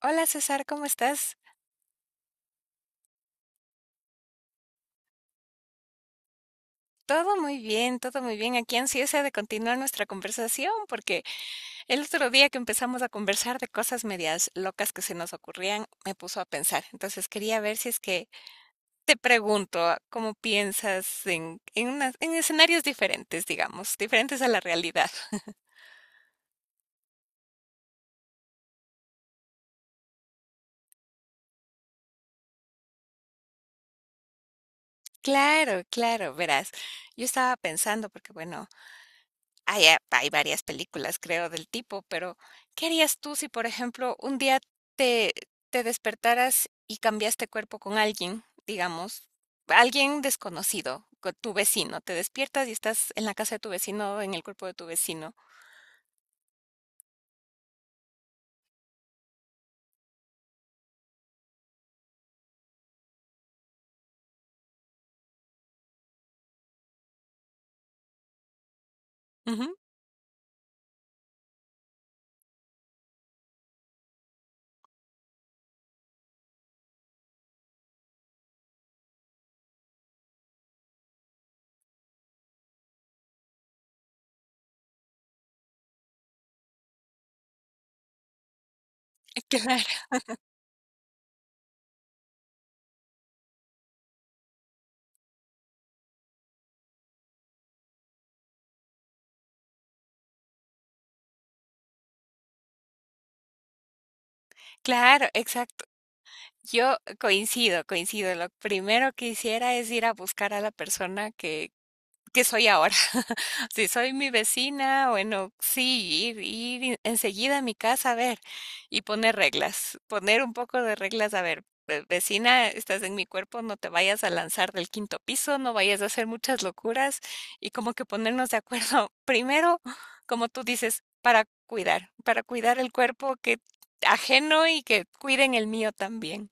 Hola César, ¿cómo estás? Todo muy bien, todo muy bien. Aquí ansiosa de continuar nuestra conversación porque el otro día que empezamos a conversar de cosas medias locas que se nos ocurrían, me puso a pensar. Entonces quería ver si es que te pregunto cómo piensas unas- en escenarios diferentes, digamos, diferentes a la realidad. Claro, claro, verás. Yo estaba pensando porque, bueno, hay a hay varias películas, creo, del tipo, pero ¿qué harías tú si, por ejemplo, un día te te despertaras y cambiaste cuerpo con alguien, digamos, alguien desconocido, con tu vecino? Te despiertas y estás en la casa de tu vecino, en el cuerpo de tu vecino. Ujú. Claro, claro, exacto. Yo coincido, coincido. Lo primero que hiciera es ir a buscar a la persona que soy ahora. Si soy mi vecina, bueno, sí, ir, ir en- enseguida a mi casa a ver y poner reglas, poner un poco de reglas, a ver, ve- vecina, estás en mi cuerpo, no te vayas a lanzar del quinto piso, no vayas a hacer muchas locuras y como que ponernos de acuerdo, primero, como tú dices, para cuidar el cuerpo que ajeno y que cuiden el mío también.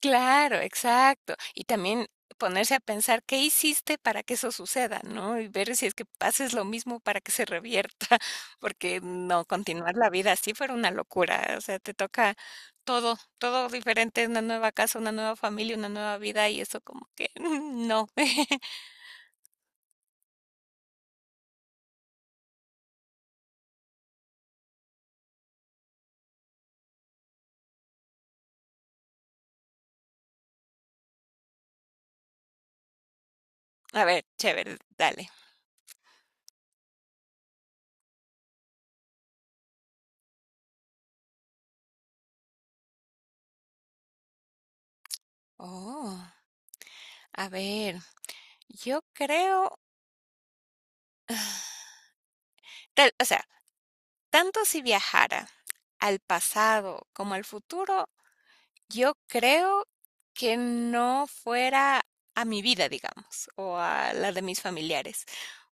Claro, exacto. Y también ponerse a pensar qué hiciste para que eso suceda, ¿no? Y ver si es que haces lo mismo para que se revierta, porque no, continuar la vida así fuera una locura. O sea, te toca todo, todo diferente, una nueva casa, una nueva familia, una nueva vida, y eso como que no. A ver, chévere, dale. Oh, a ver, yo creo, tal- o sea, tanto si viajara al pasado como al futuro, yo creo que no fuera a mi vida, digamos, o a la de mis familiares,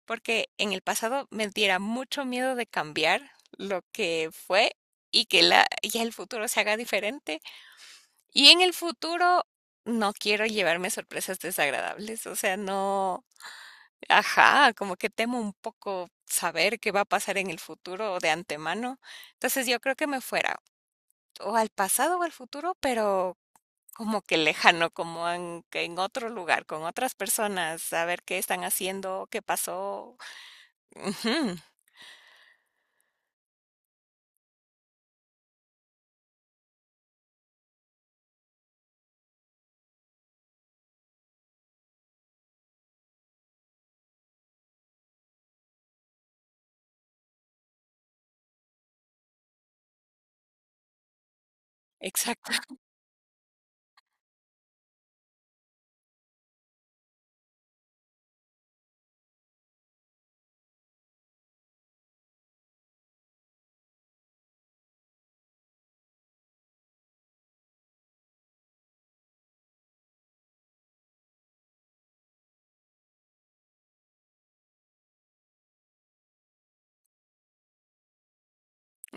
porque en el pasado me diera mucho miedo de cambiar lo que fue y que la, ya el futuro se haga diferente. Y en el futuro no quiero llevarme sorpresas desagradables, o sea, no, ajá, como que temo un poco saber qué va a pasar en el futuro de antemano. Entonces yo creo que me fuera o al pasado o al futuro, pero como que lejano, como en, que en otro lugar, con otras personas, saber qué están haciendo, qué pasó. Ujú. Exacto.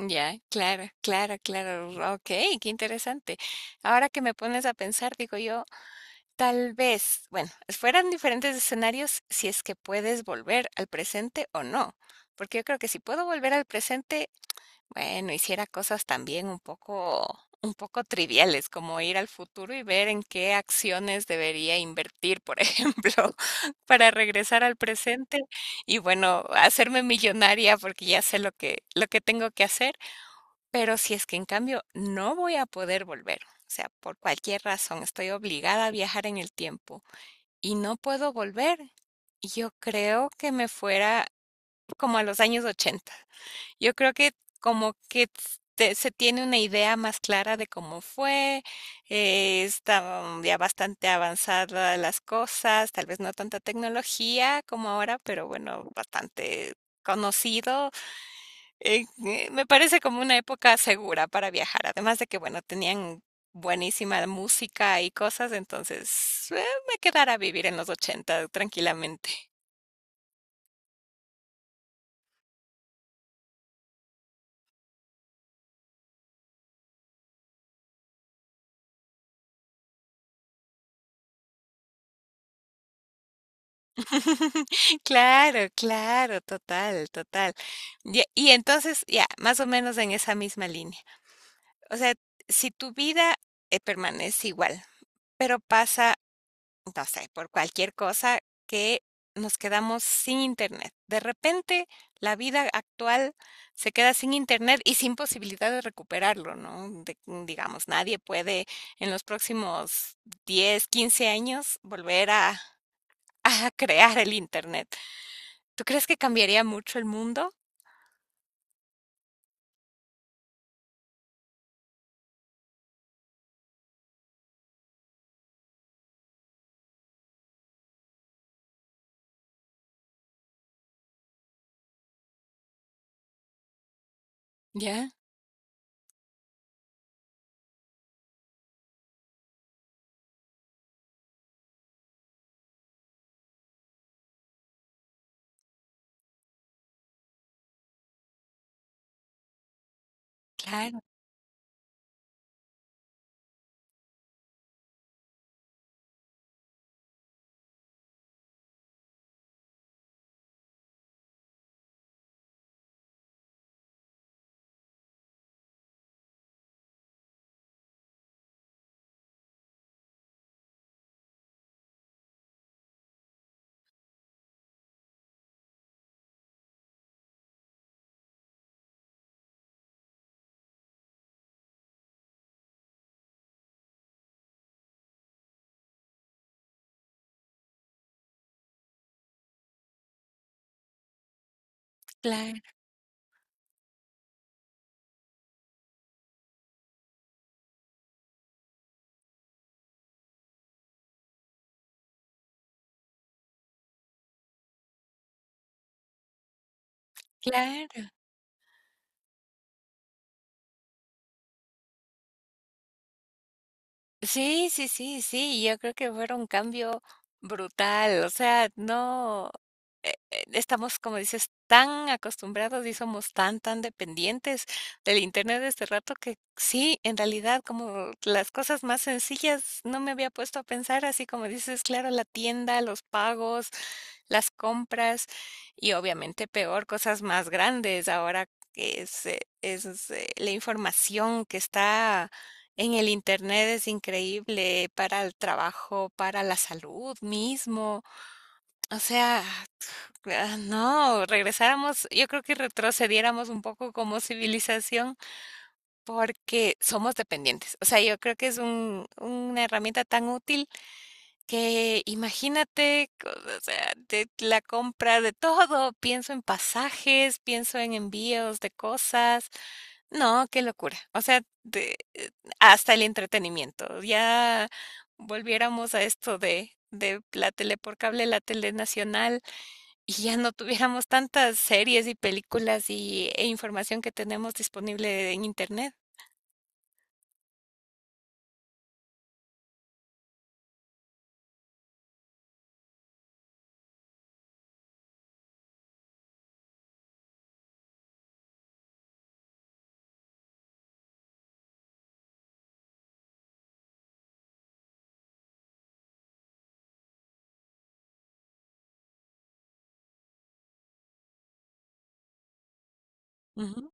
Ya, claro, claro, claro. Ok, qué interesante. Ahora que me pones a pensar, digo yo, tal vez, bueno, fueran diferentes escenarios si es que puedes volver al presente o no. Porque yo creo que si puedo volver al presente, bueno, hiciera cosas también un poco triviales, como ir al futuro y ver en qué acciones debería invertir, por ejemplo, para regresar al presente y bueno, hacerme millonaria porque ya sé lo que tengo que hacer. Pero si es que en cambio no voy a poder volver, o sea, por cualquier razón estoy obligada a viajar en el tiempo y no puedo volver, yo creo que me fuera como a los años 80. Yo creo que como que te- se tiene una idea más clara de cómo fue, estaban ya bastante avanzadas las cosas, tal vez no tanta tecnología como ahora, pero bueno, bastante conocido. Me parece como una época segura para viajar, además de que, bueno, tenían buenísima música y cosas, entonces me quedara a vivir en los 80 tranquilamente. Claro, claro, total, total. Ya, y entonces, ya, más o menos en esa misma línea. O sea, si tu vida, permanece igual, pero pasa, no sé, por cualquier cosa que nos quedamos sin internet. De repente, la vida actual se queda sin internet y sin posibilidad de recuperarlo, ¿no? De- digamos, nadie puede en los próximos 10, 15 años volver a, a crear el internet. ¿Tú crees que cambiaría mucho el mundo? Ya. Claro, claro, claro. Sí, sí, sí, sí, yo creo que fuera un cambio brutal, o sea, no estamos, como dices, tan acostumbrados y somos tan dependientes del internet de este rato que sí, en realidad, como las cosas más sencillas, no me había puesto a pensar, así como dices, claro, la tienda, los pagos, las compras y obviamente peor, cosas más grandes ahora que es, es la información que está en el internet es increíble para el trabajo, para la salud mismo. O sea, ah, no, regresáramos, yo creo que retrocediéramos un poco como civilización porque somos dependientes. O sea, yo creo que es un, una herramienta tan útil que imagínate, co- o sea, de la compra de todo. Pienso en pasajes, pienso en envíos de cosas, no, qué locura. O sea, de- hasta el entretenimiento. Ya volviéramos a esto de la tele por cable, la tele nacional, y ya no tuviéramos tantas series y películas y, e información que tenemos disponible en internet. Ujú.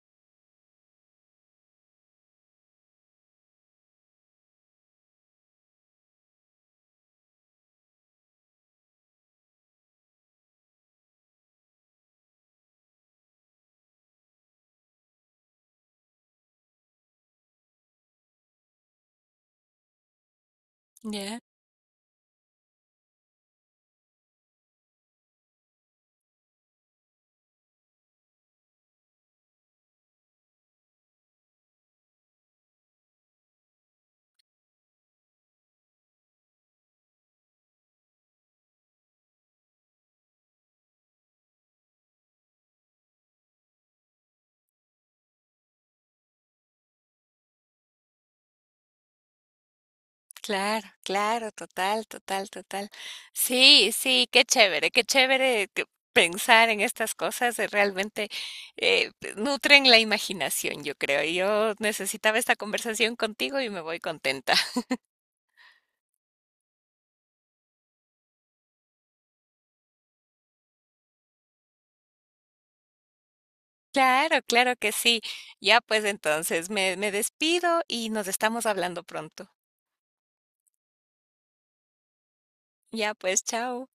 Ya. Claro, claro, total, total, total. Sí, sí, qué chévere que pensar en estas cosas, realmente nutren la imaginación, yo creo. Yo necesitaba esta conversación contigo y me voy contenta. Claro, claro que sí. Ya pues entonces me despido y nos estamos hablando pronto. Ya pues, chao.